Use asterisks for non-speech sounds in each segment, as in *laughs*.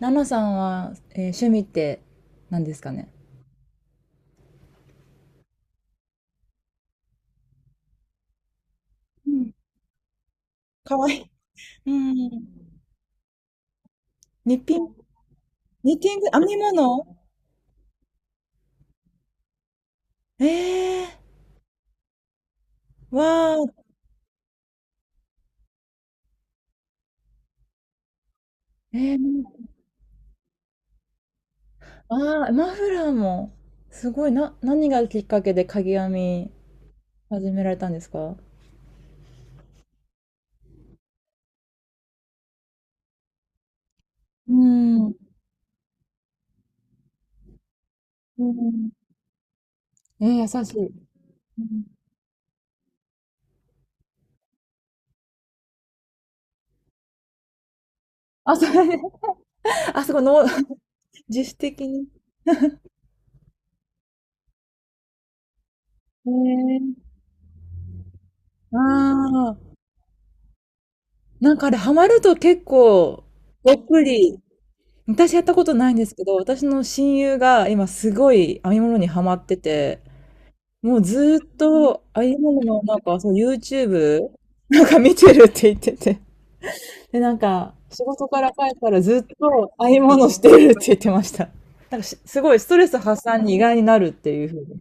ナナさんは、趣味って何ですかね？うん、かわいい。うん。ニッピング、ニッティング、編み物ええー、わー、えー、あー、マフラーも、すごい、な、何がきっかけでかぎ編み始められたんですか？うん、うん、えー、優しい。うん。あ、それ、*laughs* あ、そこの、*laughs* 自主的に。えー、ああ、なんかあれ、ハマると結構、どっぷり私やったことないんですけど、私の親友が今すごい編み物にハマってて、もうずーっと編み物のなんかそう YouTube なんか見てるって言ってて。で、なんか仕事から帰ったらずっと編み物してるって言ってました。なんかしすごいストレス発散に意外になるっていうふうに。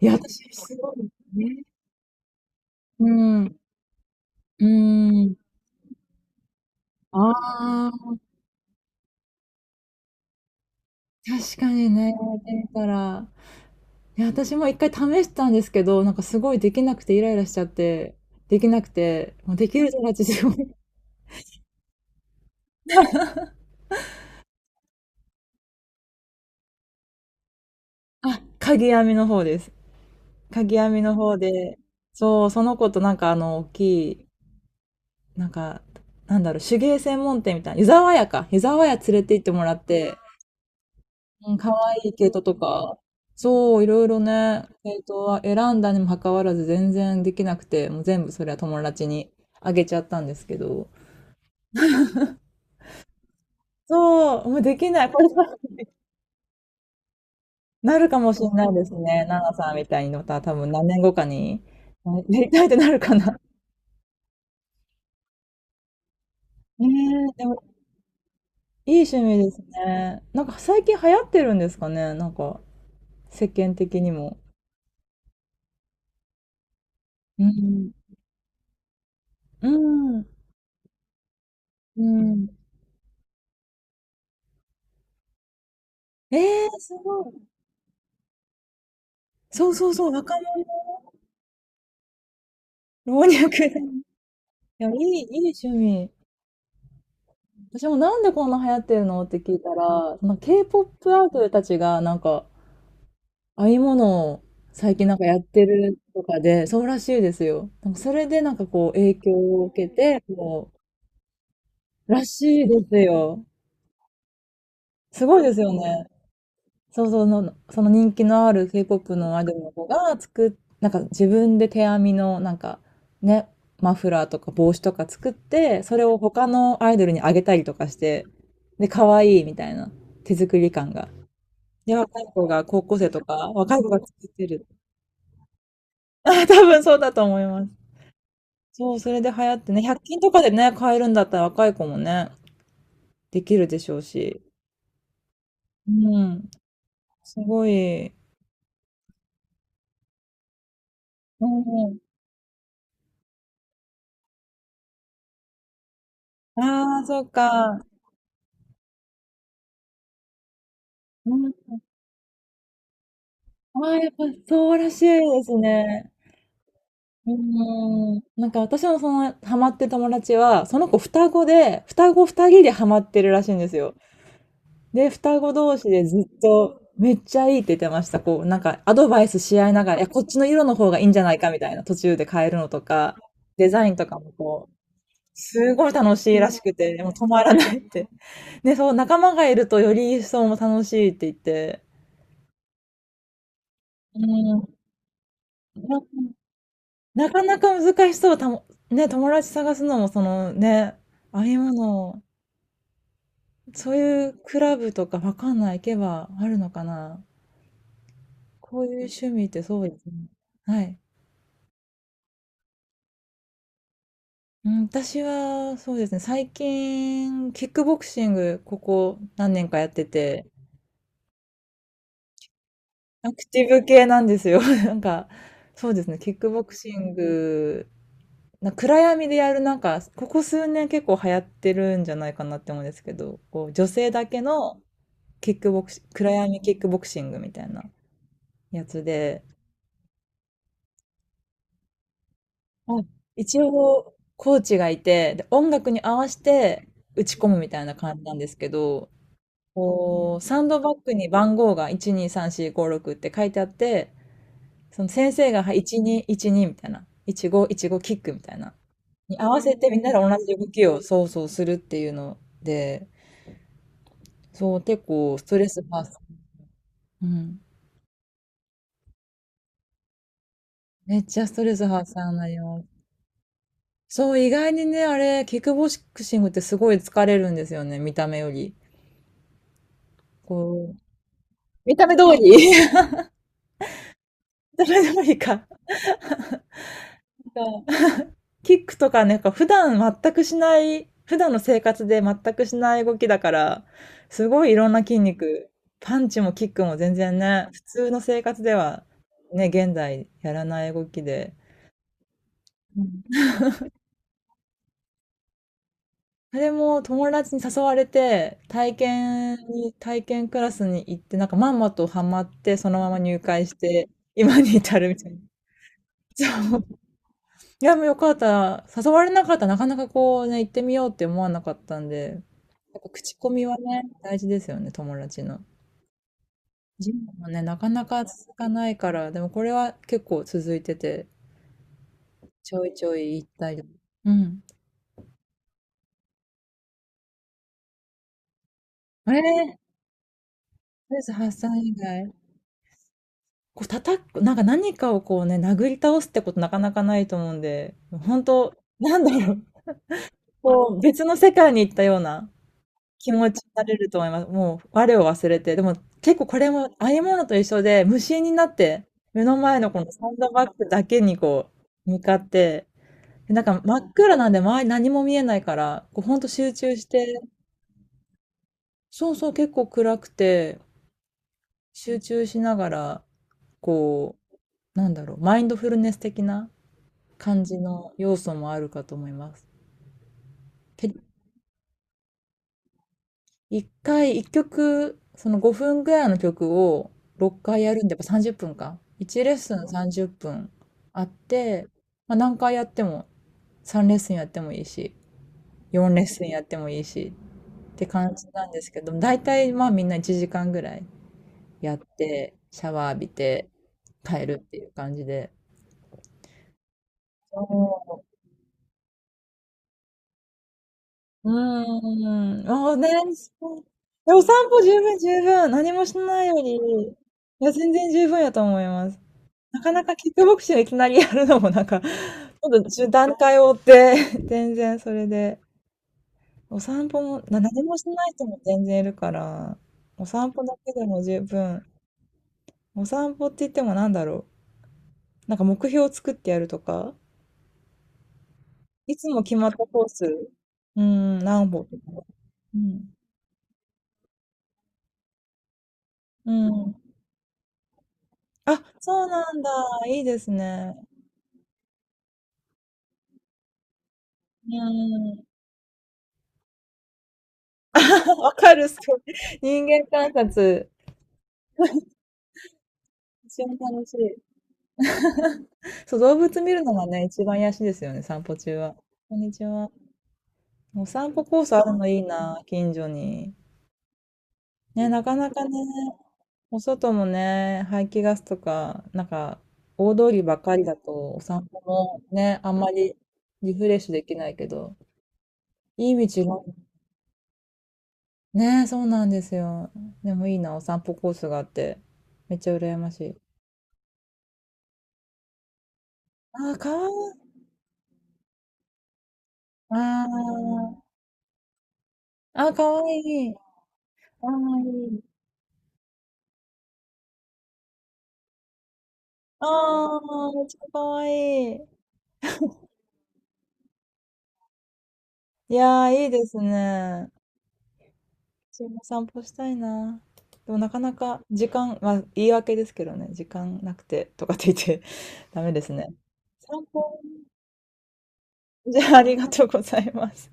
いや、私すごいね。うん。うん。ああ、確かにね、言われてみたら。いや、私も一回試したんですけど、なんかすごいできなくてイライラしちゃって、できなくて、もうできる友達でも、*laughs* あ、鍵編みの方です。鍵編みの方で、そう、その子となんか大きい、なんか、なんだろう、手芸専門店みたいな、湯沢屋か、湯沢屋連れて行ってもらって、うん、可愛い毛糸とか、そう、いろいろね、毛糸は選んだにもかかわらず全然できなくて、もう全部それは友達にあげちゃったんですけど、そう、もうできない。これなるかもしれないですね。ナナさんみたいにまた多分何年後かに、なやりたいってなるかな。ねえ、でもいい趣味ですね。なんか最近流行ってるんですかね、なんか世間的にも。うん。うん。うん。ええ、すごい。そうそうそう、若者、老若男女。いや、いい、いい趣味。私もなんでこんな流行ってるのって聞いたら、その K-POP アイドルたちがなんか編み物を最近なんかやってるとかで、そうらしいですよ。なんかそれでなんかこう影響を受けて、こう、らしいですよ。すごいですよね。そうそうの、その人気のある K-POP のアイドルの子が作っ、なんか自分で手編みのなんかね、マフラーとか帽子とか作って、それを他のアイドルにあげたりとかして、で、可愛いみたいな手作り感が。で、若い子が高校生とか、若い子が作ってる。あ、多分そうだと思います。そう、それで流行ってね、100均とかでね、買えるんだったら若い子もね、できるでしょうし。うん、すごい。うん。ああ、そっか。うん。ああ、やっぱそうらしいですね。うん。なんか私のそのハマってる友達は、その子双子で、双子二人でハマってるらしいんですよ。で、双子同士でずっと、めっちゃいいって言ってました。こう、なんかアドバイスし合いながら、いや、こっちの色の方がいいんじゃないかみたいな、途中で変えるのとか、デザインとかもこすごい楽しいらしくて、もう止まらないって。*laughs* で、そう、仲間がいるとより一層も楽しいって言って、うん、な、なかなか難しそう、たも、ね、友達探すのも、そのね、ああいうもの、そういうクラブとかわかんない、行けばあるのかな。こういう趣味ってそうですね。はい。うん、私はそうですね、最近、キックボクシング、ここ何年かやってて、アクティブ系なんですよ。*laughs* なんか、そうですね、キックボクシング、な暗闇でやる、なんか、ここ数年結構流行ってるんじゃないかなって思うんですけど、こう、女性だけのキックボクシ、暗闇キックボクシングみたいなやつで、あ、一応、コーチがいて、で、音楽に合わせて打ち込むみたいな感じなんですけど、こう、サンドバッグに番号が1、2、3、4、5、6って書いてあって、その先生がはい1212みたいな、1515キックみたいな、に合わせてみんなで同じ動きをそうそうするっていうので、そう、結構ストレス発散。うん。めっちゃストレス発散になります。そう、意外にね、あれ、キックボクシングってすごい疲れるんですよね、見た目より。こう、見た目通り *laughs* 見た目通りか。キックとかね、か普段全くしない、普段の生活で全くしない動きだから、すごいいろんな筋肉、パンチもキックも全然ね、普通の生活ではね、現代やらない動きで。うん。それも友達に誘われて、体験に、体験クラスに行って、なんかまんまとハマって、そのまま入会して、今に至るみたいな。そう。いや、もうよかった。誘われなかったらなかなかこうね、行ってみようって思わなかったんで、やっぱ口コミはね、大事ですよね、友達の。ジムもね、なかなか続かないから、でもこれは結構続いてて、ちょいちょい行ったり。うん。あれとりー、えず発散以外。こう叩く、なんか何かをこうね、殴り倒すってことなかなかないと思うんで、本当なんだろう、こう、別の世界に行ったような。気持ちになれると思います。もう我を忘れて。でも結構これもあえ物と一緒で、無心になって、目の前のこのサンドバッグだけにこう、向かって、でなんか真っ暗なんで周り何も見えないから、こうほんと集中して、そうそう、結構暗くて、集中しながら、こう、なんだろう、マインドフルネス的な感じの要素もあるかと思います。ペ一回、一曲、その5分ぐらいの曲を6回やるんで、やっぱ30分か。1レッスン30分あって、まあ、何回やっても、3レッスンやってもいいし、4レッスンやってもいいしって感じなんですけど、大体まあみんな1時間ぐらいやって、シャワー浴びて帰るっていう感じで。そううーん。ああね、そうでお散歩十分十分。何もしないより、いや、全然十分やと思います。なかなかキックボクシングいきなりやるのもなんか、*laughs* ちょっと段階を追って *laughs* 全然それで、お散歩も、な何もしない人も全然いるから、お散歩だけでも十分。お散歩って言ってもなんだろう。なんか目標を作ってやるとか、いつも決まったコース、うん、何歩とか。うん。うん。あ、そうなんだ。いいですね。うん。*laughs* わかる、すごい。人間観察。一緒に楽しい。そう、動物見るのがね、一番癒しですよね、散歩中は。こんにちは。お散歩コースあるのいいな、近所に。ね、なかなかね、お外もね、排気ガスとか、なんか、大通りばっかりだと、お散歩もね、あんまりリフレッシュできないけど、いい道が、ね、そうなんですよ。でもいいな、お散歩コースがあって、めっちゃ羨ましい。あー、かわいい。ああ、あー、かわいい。かわいい。ああ、めっちゃかわいい。いやー、いいですね。私も散歩したいな。でもなかなか時間、まあ言い訳ですけどね、時間なくてとかって言って *laughs* ダメですね。散歩、じゃあありがとうございます。